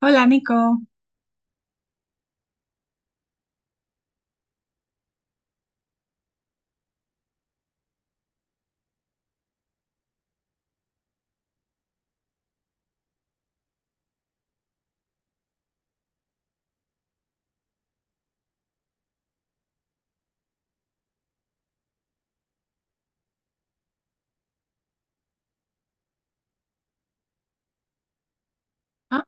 Hola, Nico. Ah,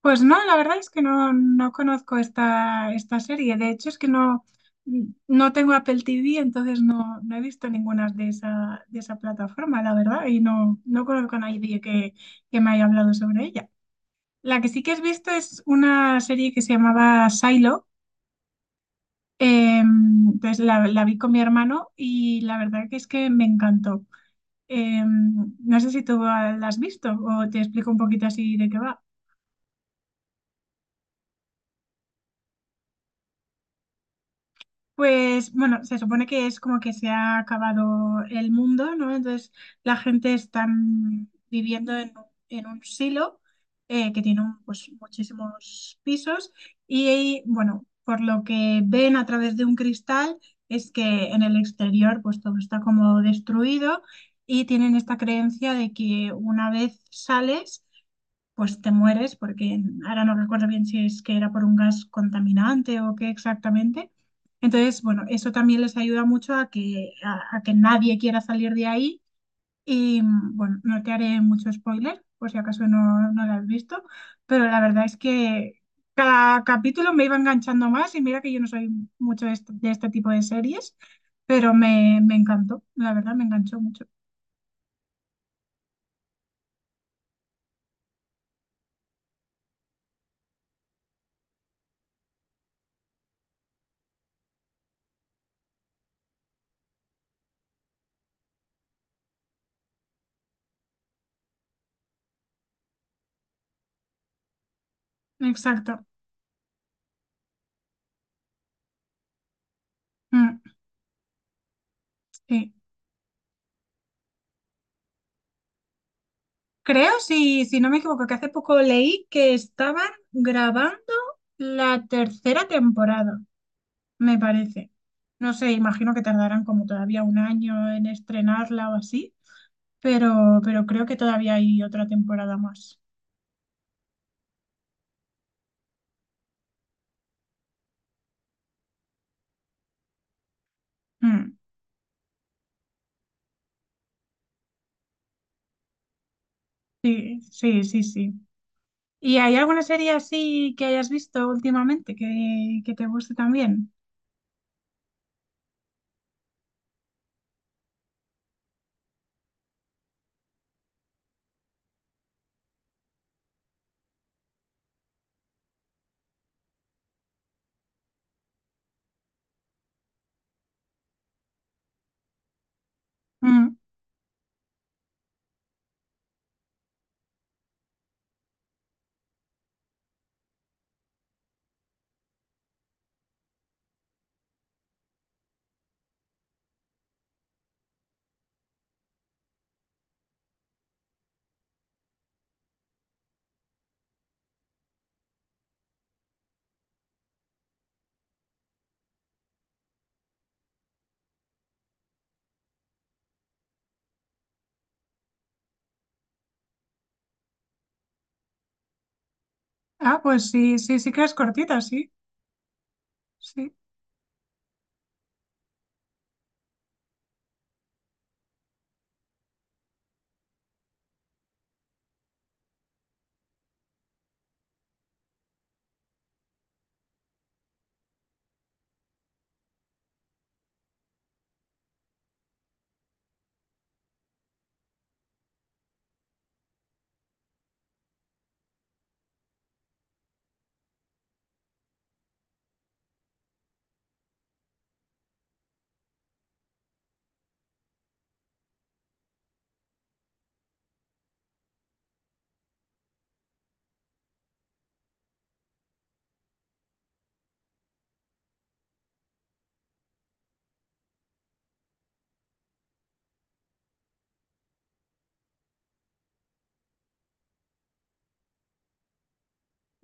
pues no, la verdad es que no, no conozco esta serie. De hecho, es que no, no tengo Apple TV, entonces no, no he visto ninguna de esa plataforma, la verdad, y no, no conozco a nadie que, que me haya hablado sobre ella. La que sí que has visto es una serie que se llamaba Silo. Eh, pues la vi con mi hermano y la verdad que es que me encantó. No sé si tú la has visto o te explico un poquito así de qué va. Pues bueno, se supone que es como que se ha acabado el mundo, ¿no? Entonces la gente está viviendo en un silo que pues, muchísimos pisos y bueno, por lo que ven a través de un cristal es que en el exterior pues todo está como destruido y tienen esta creencia de que una vez sales pues te mueres, porque ahora no recuerdo bien si es que era por un gas contaminante o qué exactamente. Entonces, bueno, eso también les ayuda mucho a que, a que nadie quiera salir de ahí. Y bueno, no te haré mucho spoiler, por si acaso no, no lo has visto, pero la verdad es que cada capítulo me iba enganchando más y mira que yo no soy mucho de este tipo de series, pero me encantó, la verdad me enganchó mucho. Exacto. Mm, sí. Creo, si, si no me equivoco, que hace poco leí que estaban grabando la tercera temporada, me parece. No sé, imagino que tardarán como todavía un año en estrenarla o así, pero creo que todavía hay otra temporada más. Mm, sí, sí, sí, sí. ¿Y hay alguna serie así que hayas visto últimamente que te guste también? Mm. Ah, pues sí, sí, sí que es cortita, sí. Sí.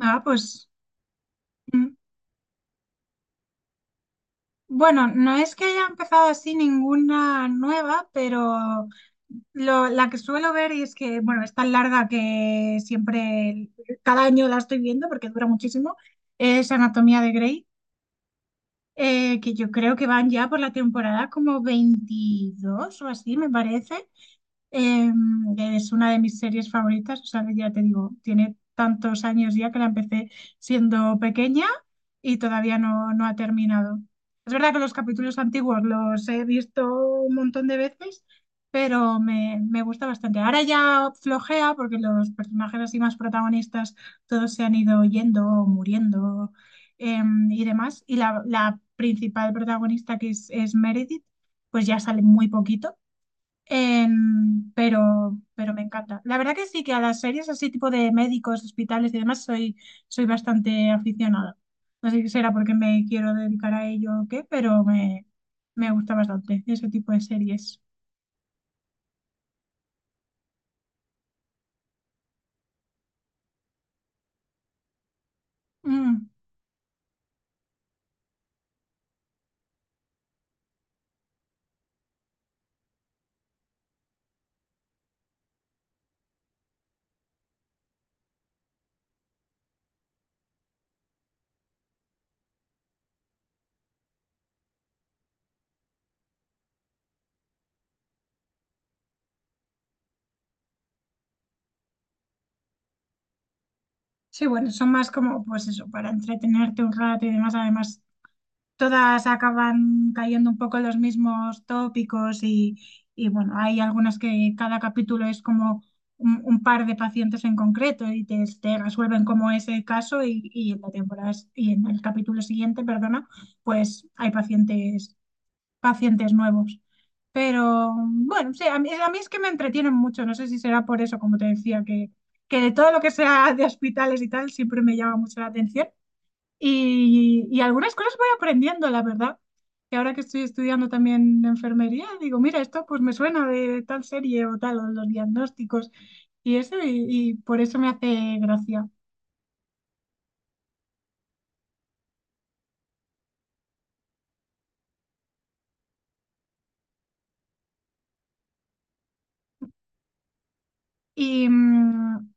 Ah, pues. Hmm. Bueno, no es que haya empezado así ninguna nueva, pero la que suelo ver y es que, bueno, es tan larga que siempre, cada año la estoy viendo porque dura muchísimo, es Anatomía de Grey, que yo creo que van ya por la temporada como 22 o así, me parece. Eh, es una de mis series favoritas, o sea, que ya te digo, tiene tantos años ya que la empecé siendo pequeña y todavía no, no ha terminado. Es verdad que los capítulos antiguos los he visto un montón de veces, pero me gusta bastante. Ahora ya flojea porque los personajes así más protagonistas todos se han ido yendo, o muriendo eh, y demás. Y la principal protagonista que es Meredith, pues ya sale muy poquito. Pero me encanta. La verdad que sí, que a las series así tipo de médicos, hospitales y demás soy, soy bastante aficionada. No sé si será porque me quiero dedicar a ello o qué, pero me gusta bastante ese tipo de series. Mm. Sí, bueno, son más como, pues eso, para entretenerte un rato y demás. Además, todas acaban cayendo un poco en los mismos tópicos y, bueno, hay algunas que cada capítulo es como un par de pacientes en concreto y te resuelven como ese caso y en la temporada y en el capítulo siguiente, perdona, pues hay pacientes, pacientes nuevos. Pero bueno, sí, a mí es que me entretienen mucho, no sé si será por eso, como te decía, que de todo lo que sea de hospitales y tal siempre me llama mucho la atención. Y algunas cosas voy aprendiendo, la verdad. Que ahora que estoy estudiando también enfermería, digo, mira, esto pues me suena de tal serie o tal, o los diagnósticos y eso, y por eso me hace gracia. Y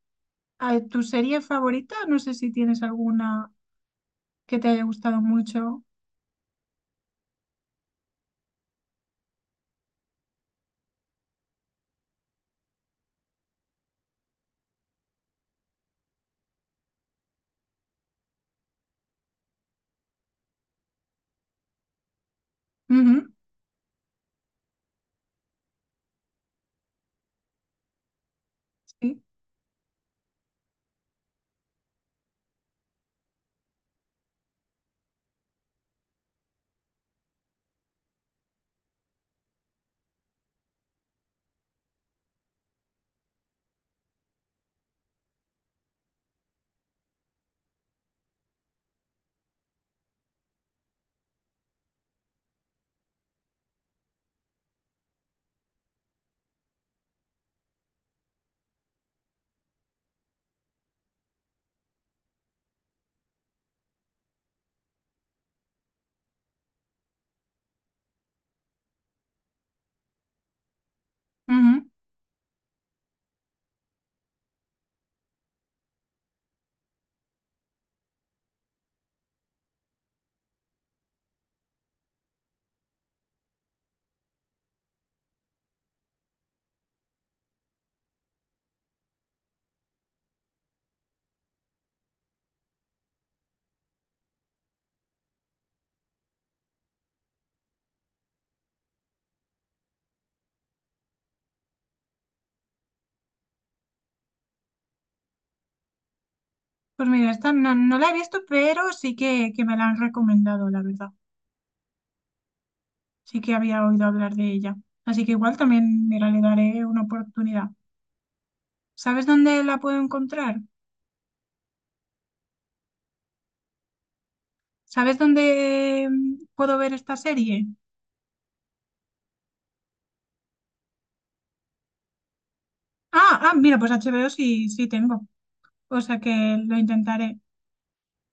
tu serie favorita, no sé si tienes alguna que te haya gustado mucho. Ujú, sí, ujú. Pues mira, esta no, no la he visto, pero sí que me la han recomendado, la verdad. Sí que había oído hablar de ella. Así que igual también, mira, le daré una oportunidad. ¿Sabes dónde la puedo encontrar? ¿Sabes dónde puedo ver esta serie? Ah, ah, mira, pues HBO sí, sí tengo. O sea que lo intentaré.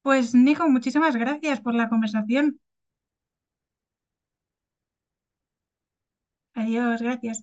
Pues Nico, muchísimas gracias por la conversación. Adiós, gracias.